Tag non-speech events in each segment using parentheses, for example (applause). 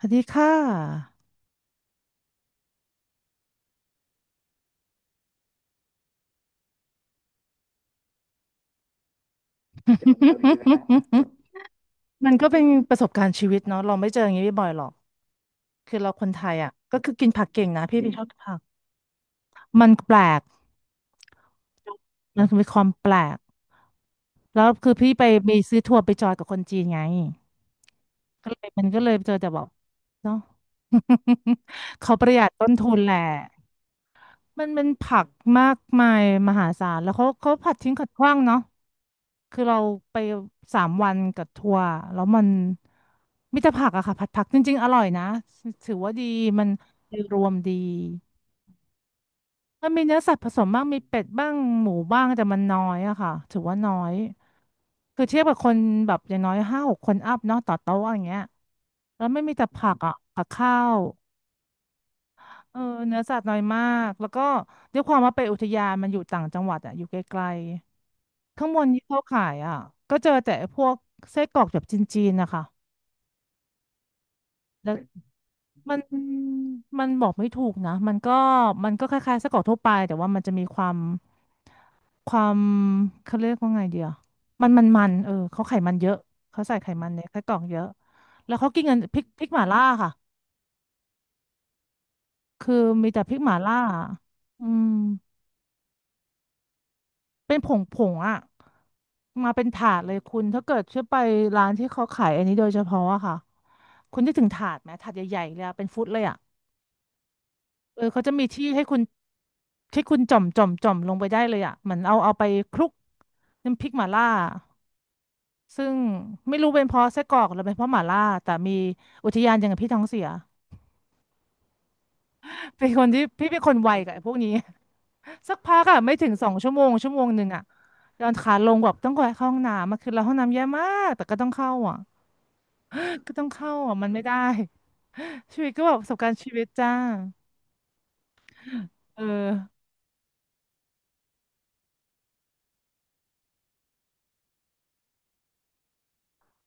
สวัสดีค่ะ มันก็เป็นประสบการณ์ชีวิตเนาะเราไม่เจออย่างนี้บ่อยๆหรอก คือเราคนไทยอ่ะก็คือกินผักเก่งนะพี่ชอบกินผัก มันแปลก มันมีความแปลก แล้วคือพี่ไปมีซื้อทัวร์ไปจอยกับคนจีนไงก็เลยมันก็เลยเจอแต่แบอกเนาะ (laughs) เขาประหยัดต้นทุนแหละ มันเป็นผักมากมายมหาศาลแล้วเขาผัดทิ้งขัดขว้างเนาะ คือเราไป3 วันกับทัวร์แล้วมันมิตรผักอะค่ะผัดผักจริงๆอร่อยนะถือว่าดีมันโดยรวมดีมันมีเนื้อสัตว์ผสมบ้างมีเป็ดบ้างหมูบ้างแต่มันน้อยอะค่ะถือว่าน้อยคือเทียบกับคนแบบอย่างน้อยห้าหกคนอัพเนาะต่อโต๊ะอย่างเงี้ยแล้วไม่มีแต่ผักอะกับข้าวเออเนื้อสัตว์น้อยมากแล้วก็ด้วยความว่าไปอุทยานมันอยู่ต่างจังหวัดอะอยู่ไกล ข้างบนที่เขาขายอ่ะก็เจอแต่พวกไส้กรอกแบบจีนๆนะคะแล้วมันมันบอกไม่ถูกนะมันก็คล้ายๆไส้กรอกทั่วไปแต่ว่ามันจะมีความความเขาเรียกว่าไงเดียวมันมันมันเออเขาไขมันเยอะเขาใส่ไขมันในไส้กรอกเยอะแล้วเขากินกันพริกหม่าล่าค่ะคือมีแต่พริกหม่าล่าอืมเป็นผงอ่ะมาเป็นถาดเลยคุณถ้าเกิดเชื่อไปร้านที่เขาขายอันนี้โดยเฉพาะอะค่ะ คุณนึกถึงถาดไหมถาดใหญ่ๆเลยอะเป็นฟุตเลยอะเออเขาจะมีที่ให้คุณที่คุณจ่อมจ่อมจ่อมลงไปได้เลยอะเหมือนเอาไปคลุกน้ำพริกหม่าล่าซึ่งไม่รู้เป็นเพราะไส้กรอกหรือเป็นเพราะหม่าล่าแต่มีอุทยานอย่างกับพี่ท้องเสียเป็นคนที่พี่เป็นคนไวกับไอ้พวกนี้ (laughs) สักพักอะไม่ถึง2 ชั่วโมง1 ชั่วโมงอะเดินขาลงแบบต้องไปเข้าห้องน้ำมาคือเราห้องน้ำแย่มากแต่ก็ต้องเข้าอะก็ต้องเข้าอะมันไม่ได้ชีวิตก็แบบประสบการณ์ชีวิตจ้าเออ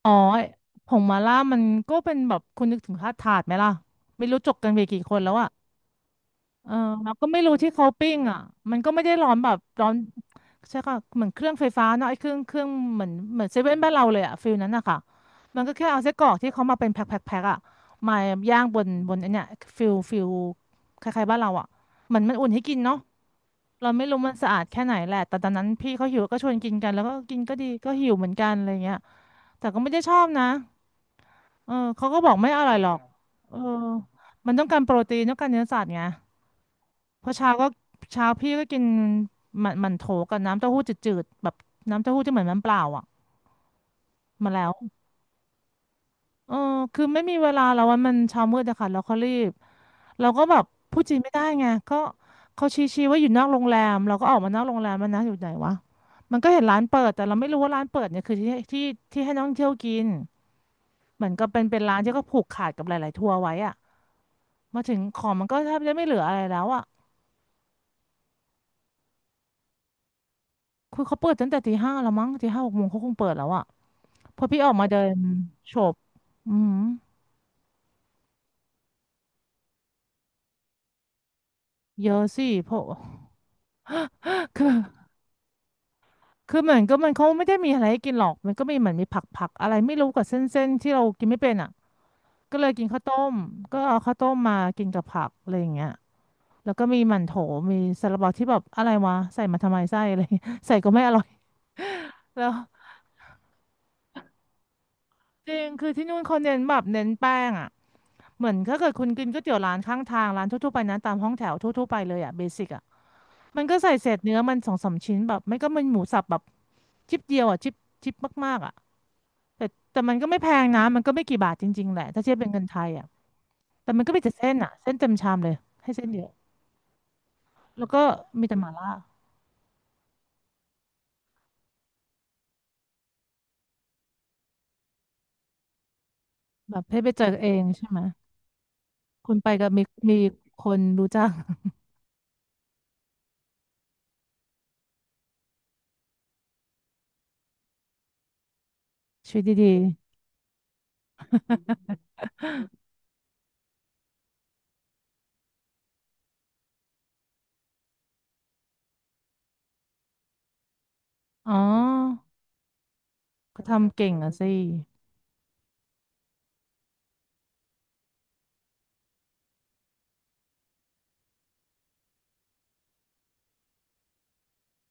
อ๋อผงมาล่ามันก็เป็นแบบคุณนึกถึงธาตุถาดไหมล่ะไม่รู้จกกันไปกี่คนแล้วอ่ะเออแล้วก็ไม่รู้ที่เขาปิ้งอ่ะมันก็ไม่ได้ร้อนแบบร้อนใช่ค่ะ เหมือนเครื่องไฟฟ้าเนาะไอ้เครื่องเหมือนเซเว่นบ้านเราเลยอ่ะฟิลนั้นอะค่ะมันก็แค่เอาไส้กรอกที่เขามาเป็นแพ็คแพ็คแพ็คอะมาย่างบนไอันเนี้ยฟิลคล้ายๆบ้านเราอ่ะเหมือนมันอุ่นให้กินเนาะเราไม่รู้มันสะอาดแค่ไหนแหละแต่ตอนนั้นพี่เขาหิวก็ชวนกินกันแล้วก็กินก็ดีก็หิวเหมือนกันอะไรเงี้ยแต่ก็ไม่ได้ชอบนะ เออเขาก็บอกไม่อร่อยหรอกเออมันต้องการโปรตีนต้องการเนื้อสัตว์ไงเพราะเช้าพี่ก็กินหมันโถกับน้ำเต้าหู้จืดๆแบบน้ำเต้าหู้ที่เหมือนน้ำเปล่าอ่ะมาแล้วเออคือไม่มีเวลาแล้ววันมันเช้ามืดอะค่ะแล้วเขารีบเราก็แบบพูดจีนไม่ได้ไงก็เขาชี้ๆว่าอยู่นอกโรงแรมเราก็ออกมานอกโรงแรมมันนะอยู่ไหนวะมันก็เห็นร้านเปิดแต่เราไม่รู้ว่าร้านเปิดเนี่ยคือที่ที่ให้นักท่องเที่ยวกินเหมือนก็เป็นร้านที่เขาผูกขาดกับหลายๆทัวร์ไว้อ่ะ มาถึงของมันก็แทบจะไม่เหลืออะไรแล้วอ่ะคือเขาเปิดตั้งแต่ตีห้าแล้วมั้งตีห้าหกโมงเขาคงเปิดแล้วอ่ะพอพี่ออกมาเดินโบอืมเยอะสิเพราะ (laughs) คือคือเหมือนก็มันเขาไม่ได้มีอะไรให้กินหรอกมันก็มีเหมือนมีผักผักอะไรไม่รู้กับเส้นเส้นที่เรากินไม่เป็นอ่ะก็เลยกินข้าวต้มก็เอาข้าวต้มมากินกับผักอะไรอย่างเงี้ยแล้วก็มีหมั่นโถมีซาลาเปาที่แบบอะไรวะใส่มาทำไมไส้อะไร (laughs) ใส่ก็ไม่อร่อย (laughs) แล้ว จริงคือที่นู่นเขาเน้นแบบเน้นแป้งอ่ะเหมือนถ้าเกิดคุณกินก๋วยเตี๋ยวร้านข้างทางร้านทั่วๆไปนะตามห้องแถวทั่วๆไปเลยอ่ะเบสิกอ่ะมันก็ใส่เศษเนื้อมันสองสามชิ้นแบบไม่ก็มันหมูสับแบบชิปเดียวอ่ะชิปมากๆอ่ะแต่แต่มันก็ไม่แพงนะมันก็ไม่กี่บาทจริงๆแหละถ้าเทียบเป็นเงินไทยอ่ะแต่มันก็มีแต่เส้นอ่ะเส้นเต็มชามเลยให้เส้นเยอะแล้วก็มีแต่หม่าล่าแบบให้ไปเจอเองใช่ไหมคุณไปกับมีมีคนรู้จัก (laughs) ชีวิตดีๆอ๋อเขาทำเก่งอ่ะสิ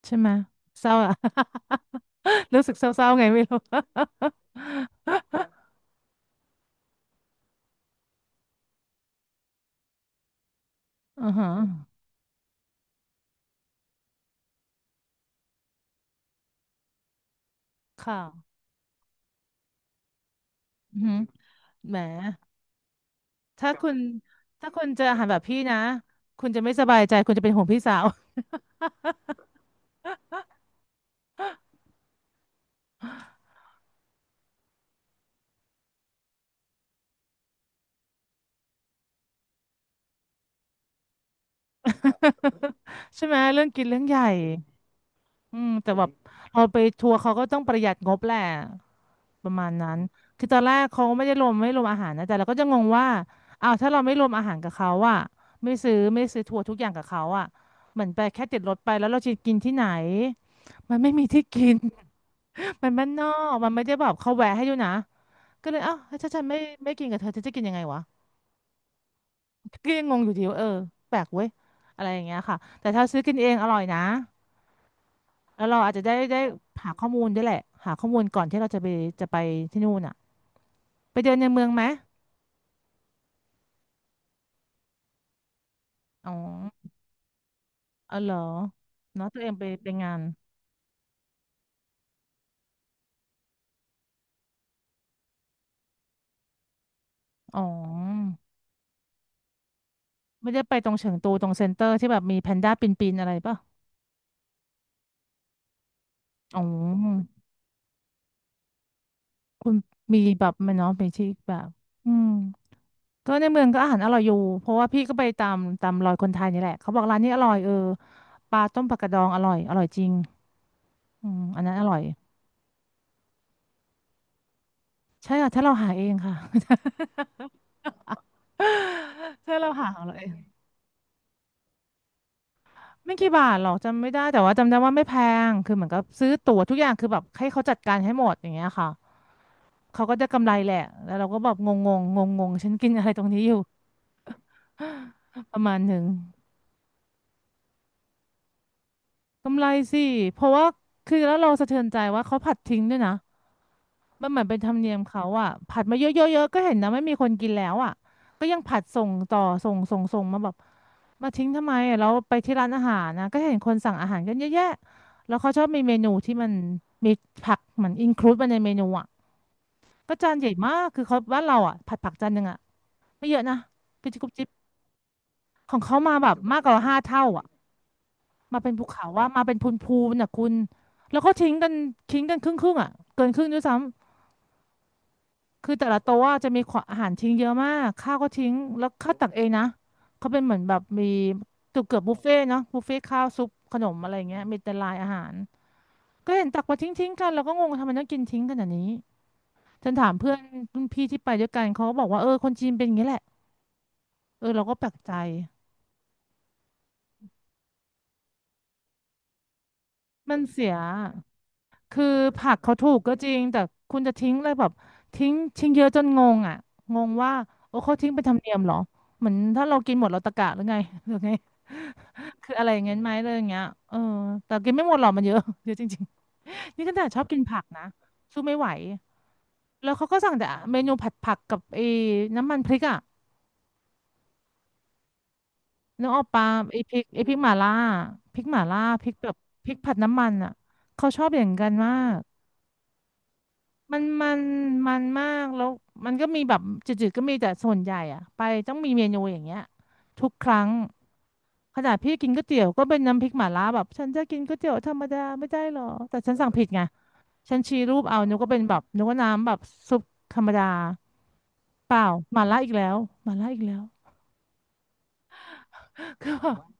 ใช่ไหมเศร้าอะ (laughs) รู้สึกเศร้าๆไงไม่รู้ (laughs) อือฮะค่ะอือฮึแหมถ้าคุณถ้าคุณเจออาหารแบบพี่นะคุณจะไม่สบายใจคุณจะเป็นห่วงพี่สาว (laughs) ใช่ไหมเรื่องกินเรื่องใหญ่อืมแต่แบบเอาไปทัวร์เขาก็ต้องประหยัดงบแหละ ประมาณนั้นคือตอนแรกเขาไม่ได้รวมไม่รวมอาหารนะแต่เราก็จะงงว่าอ้าวถ้าเราไม่รวมอาหารกับเขาอะไม่ซื้อไม่ซื้อทัวร์ทุกอย่างกับเขาอะเหมือนไปแค่ติดรถไปแล้วเราจะกินที่ไหนมันไม่มีที่กิน (laughs) มันบ้านนอกมันไม่ได้แบบเขาแวะให้ด้วยนะก็เลยเอ้าวถ้าฉันไม่ไม่กินกับเธอเธอจะกินยังไงวะก็ยังงงอยู่ดีว่าเออแปลกเว้ยอะไรอย่างเงี้ยค่ะแต่ถ้าซื้อกินเองอร่อยนะแล้วเราอาจจะได้ได้หาข้อมูลด้วยแหละหาข้อมูลก่อนที่เราจะไปจะไปที่นู่นอะไปเดินในเมืองไหมอ๋อ อ๋อเหรอเนาะตัวเองไปไปงาน อ๋อไม่ได้ไปตรงเฉิงตูตรงเซ็นเตอร์ที่แบบมีแพนด้าปีนๆอะไรป่ะ อ๋อคุณมีแบบไหมันเนาะไปที่แบบ อืมก็ในเมืองก็อาหารอร่อยอยู่ เพราะว่าพี่ก็ไปตามตามรอยคนไทยนี่แหละเขาบอกร้านนี้อร่อยเออ ปลาต้มปลากระดองอร่อยอร่อยจริงอืมอันนั้นอร่อย ใช่ค่ะถ้าเราหาเองค่ะ (laughs) ถ้าเราหาของเราเอง ไม่กี่บาทหรอกจำไม่ได้แต่ว่าจำได้ว่าไม่แพงคือเหมือนกับซื้อตั๋วทุกอย่างคือแบบให้เขาจัดการให้หมดอย่างเงี้ยค่ะเขาก็จะกำไรแหละแล้วเราก็แบบงงงงงงงๆฉันกินอะไรตรงนี้อยู่ (laughs) ประมาณหนึ่ง กำไรสิ เพราะว่าคือแล้วเราสะเทือนใจว่าเขาผัดทิ้งด้วยนะมันเหมือนเป็นธรรมเนียมเขาอะผัดมาเยอะๆๆก็เห็นนะไม่มีคนกินแล้วอะก็ยังผัดส่งต่อส่งมาแบบมาทิ้งทำไมอะแล้วไปที่ร้านอาหารนะก็เห็นคนสั่งอาหารกันเยอะแยะแล้วเขาชอบมีเมนูที่มันมีผักเหมือนอินคลูดมาในเมนูอะก็จานใหญ่มากคือเขาบ้านเราอะผัดผักจานหนึ่งอะไม่เยอะนะกระจิบกุบจิบของเขามาแบบมากกว่า5 เท่าอะ มาเป็นภูเขาว่ามาเป็นพูนพูนน่ะคุณแล้วก็ทิ้งกันทิ้งกันครึ่งครึ่งอ่ะเกินครึ่งด้วยซ้ำคือแต่ละโต๊ะอะจะมีขวอาหารทิ้งเยอะมากข้าวก็ทิ้งแล้วข้าวตักเองนะเขาเป็นเหมือนแบบมีเกือบบุฟเฟ่ต์เนาะบุฟเฟ่ต์ข้าวซุปขนมอะไรเงี้ยมีแต่ลายอาหารก็เห็นตักมาทิ้งทิ้งกันแล้วก็งงทำไมต้องกินทิ้งขนาดนี้ฉันถามเพื่อนรุ่นพี่ที่ไปด้วยกันเขาก็บอกว่าเออคนจีนเป็นอย่างนี้แหละเออเราก็แปลกใจมันเสีย คือผักเขาถูกก็จริงแต่คุณจะทิ้งเลยแบบทิ้งทิ้งเยอะจนงงอ่ะงงว่าโอ้เขาทิ้งเป็นธรรมเนียมเหรอเหมือนถ้าเรากินหมดเราตะกะหรือไง (laughs) หรือไง (laughs) คืออะไรอย่างเงี้ยไหมเลยอย่างเงี้ยเออแต่กินไม่หมดหรอกมันเยอะ (laughs) เยอะจริงๆนี่ขนาดชอบกินผักนะสู้ไม่ไหวแล้วเขาก็สั่งแต่เมนูผัดผักกับไอ้น้ำมันพริกอ่ะนึกออกปะไอ้พริกไอ้พริกหม่าล่าพริกหม่าล่าพริกแบบพริกผัดน้ำมันอ่ะเขาชอบอย่างกันมาก มันมันมากแล้วมันก็มีแบบจืดๆก็มีแต่ส่วนใหญ่อะไปต้องมีเมนูอย่างเงี้ยทุกครั้งขนาดพี่กินก๋วยเตี๋ยวก็เป็นน้ำพริกหม่าล่าแบบฉันจะกินก๋วยเตี๋ยวธรรมดาไม่ได้หรอแต่ฉันสั่งผิดไงฉันชี้รูปเอานึกว่าเป็นแบบนึกว่าน้ำแบบซุปธรรมดาเปล่าหม่าล่าอีกแล้วหม่าล่าอีกแล้วก็แบบ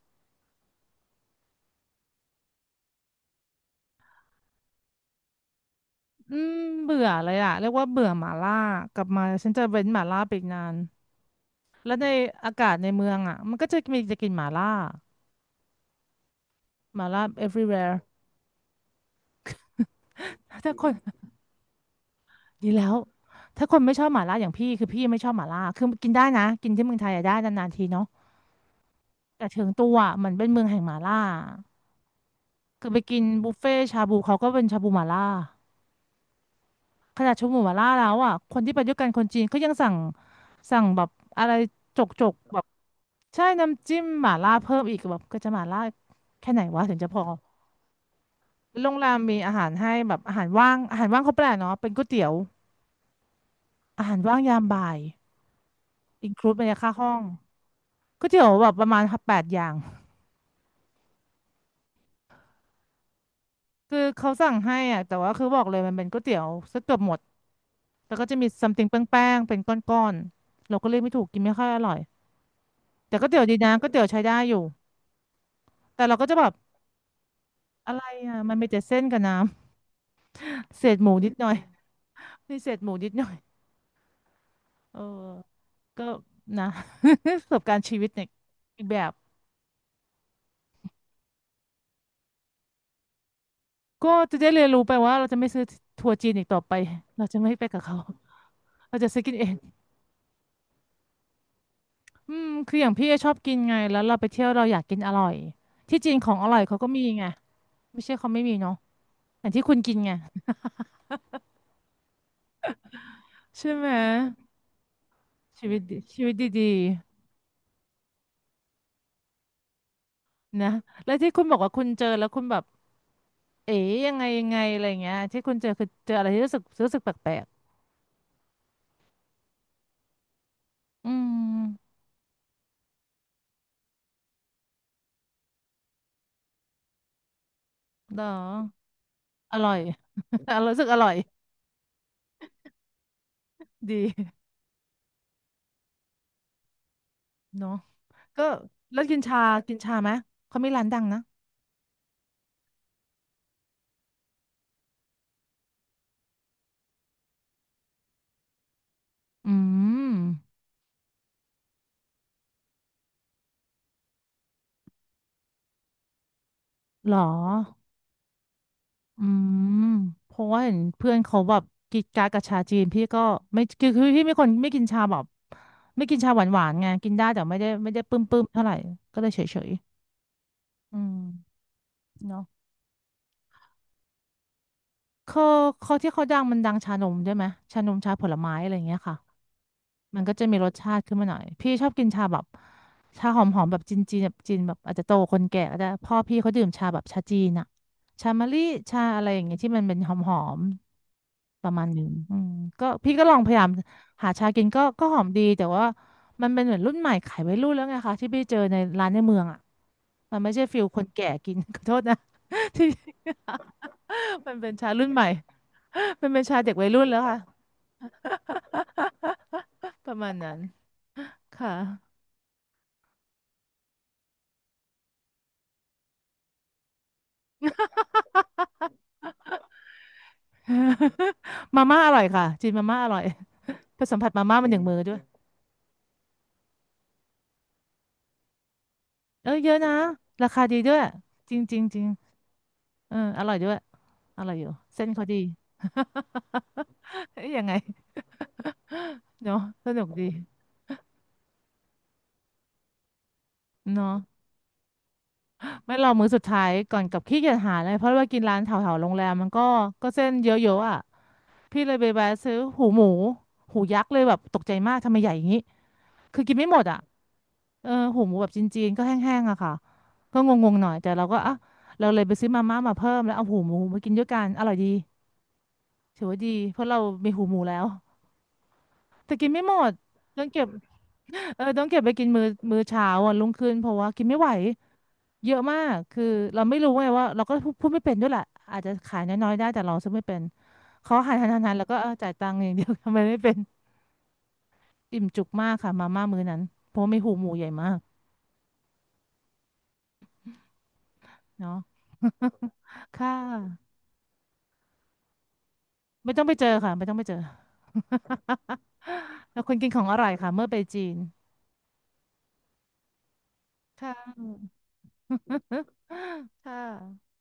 อืมเบื่อเลยอะเรียกว่าเบื่อหม่าล่ากลับมาฉันจะเว้นหม่าล่าไปอีกนานแล้วในอากาศในเมืองอะมันก็จะมีจะกินหม่าล่า หมาล่า everywhere ถ้าคน (laughs) ดีแล้วถ้าคนไม่ชอบหมาล่าอย่างพี่คือพี่ไม่ชอบหมาล่าคือกินได้นะกินที่เมืองไทยอะได้นานๆทีเนาะแต่เชิงตัวอะมันเป็นเมืองแห่งหมาล่าคือไปกินบุฟเฟ่ชาบูเขาก็เป็นชาบูหมาล่าขนาดชาบูหมาล่าแล้วอ่ะคนที่ไปด้วยกันคนจีนเขายังสั่งแบบอะไรจกจกแบบใช่น้ำจิ้มหมาล่าเพิ่มอีกแบบก็จะหมาล่าแค่ไหนวะถึงจะพอโรงแรมมีอาหารให้แบบอาหารว่างอาหารว่างเขาแปลกเนาะเป็นก๋วยเตี๋ยวอาหารว่างยามบ่าย อินคลูดไปในค่าห้องก๋วยเตี๋ยวแบบประมาณ8 อย่างคือเขาสั่งให้อ่ะแต่ว่าคือบอกเลยมันเป็นก๋วยเตี๋ยวซะเกือบหมดแต่ก็จะมีซัมติงแป้งๆ เป็นก้อนๆ เราก็เรียกไม่ถูกกินไม่ค่อยอร่อยแต่ก๋วยเตี๋ยวดีนะก๋วยเตี๋ยวใช้ได้อยู่แต่เราก็จะแบบอะไรอ่ะมันมีแต่เส้นกับน้ำ (laughs) เศษหมูนิดหน่อยมีเศษหมูนิดหน่อยเออก็นะ (laughs) ประสบการณ์ชีวิตเนี่ยอีกแบบก็จะได้เรียนรู้ไปว่าเราจะไม่ซื้อทัวร์จีนอีกต่อไปเราจะไม่ไปกับเขาเราจะซื้อกินเอง อืมคืออย่างพี่ชอบกินไงแล้วเราไปเที่ยวเราอยากกินอร่อยที่จีนของอร่อยเขาก็มีไงไม่ใช่เขาไม่มีเนาะอย่างที่คุณกินไงใช่ไหมชีวิตดีๆนะแล้วที่คุณบอกว่าคุณเจอแล้วคุณแบบเอ๋ยังไงอะไรเงี้ยที่คุณเจอคือเจออะไรที่รู้สึกแปลกๆอืมเหรออร่อย (laughs) อรอยรู้สึกอร่อยดีเนาะก็แล้วกินชาไหมเขามีร้านดังนะอืมเหรอ อืมเพราะว่าเห็นเพื่อนเขาแบบกินกากกับชาจีนพี่ก็ไม่คือพี่ไม่คนไม่กินชาแบบไม่กินชาหวานหวานไงกินได้แต่ไม่ได้ปึ้มปึ้มเท่าไหร่ก็เลยเฉยเฉยอืมเนาะเขาเขาที่เขาดังมันดังชานมใช่ไหมชานมชาผลไม้อะไรอย่างเงี้ยค่ะมันก็จะมีรสชาติขึ้นมาหน่อยพี่ชอบกินชาแบบชาหอมหอมแบบจีนจีนแบบจีนแบบอาจจะโตคนแก่ก็ได้พ่อพี่เขาดื่มชาแบบชาจีนอะชามะลิชาอะไรอย่างเงี้ยที่มันเป็นหอมหอม ประมาณหนึ่งอืมก็พี่ก็ลองพยายามหาชากินก็หอมดีแต่ว่ามันเป็นเหมือนรุ่นใหม่ขายวัยรุ่นแล้วไงคะที่พี่เจอในร้านในเมืองอ่ะมันไม่ใช่ฟิลคนแก่กิน (laughs) ขอโทษนะที่ (laughs) มันเป็นชารุ่นใหม่ (laughs) มันเป็นชาเด็กวัยรุ่นแล้วค่ะประมาณนั้นค่ะ (laughs) มาม่าอร่อยค่ะจีนมาม่าอร่อยไปสัมผัสมาม่ามันหนึ่งมือด้วยเออเยอะนะราคาดีด้วยจริงจริงจริงเอออร่อยด้วยอร่อยอยู่เส้นเขาดี (laughs) ยังไง เนาะสนุกดีเนาะไม่รอมื้อสุดท้ายก่อนกลับขี้เกียจหาเลยเพราะว่ากินร้านแถวๆโรงแรมมันก็เส้นเยอะๆอ่ะพี่เลยไปแวะซื้อหูหมูหูยักษ์เลยแบบตกใจมากทำไมใหญ่อย่างนี้คือกินไม่หมดอ่ะเออหูหมูแบบจีนๆก็แห้งๆอะค่ะก็งงๆหน่อยแต่เราก็อ่ะเราเลยไปซื้อมาม่ามาเพิ่มแล้วเอาหูหมูมากินด้วยกันอร่อยดีถือว่าดีเพราะเรามีหูหมูแล้วแต่กินไม่หมดต้องเก็บเออต้องเก็บไปกินมื้อเช้าวันรุ่งขึ้นเพราะว่ากินไม่ไหว เยอะมากคือเราไม่รู้ไงว่าเราก็พูดไม่เป็นด้วยแหละอาจจะขายน้อยๆได้แต่เราซื้อไม่เป็นเขาหายนหนๆแล้วก็เออจ่ายตังค์อย่างเดียว (laughs) ทำไมไม่เป็นอิ่มจุกมากค่ะมาม่ามื้อนั้นเพราะว่ามีหูหมูใหญ่มากเนาะ (laughs) ค่ะไม่ต้องไปเจอค่ะไม่ต้องไปเจอ (laughs) แล้วคนกินของอร่อยค่ะเมื่อไปจีนค่ะ (laughs) ค่ะ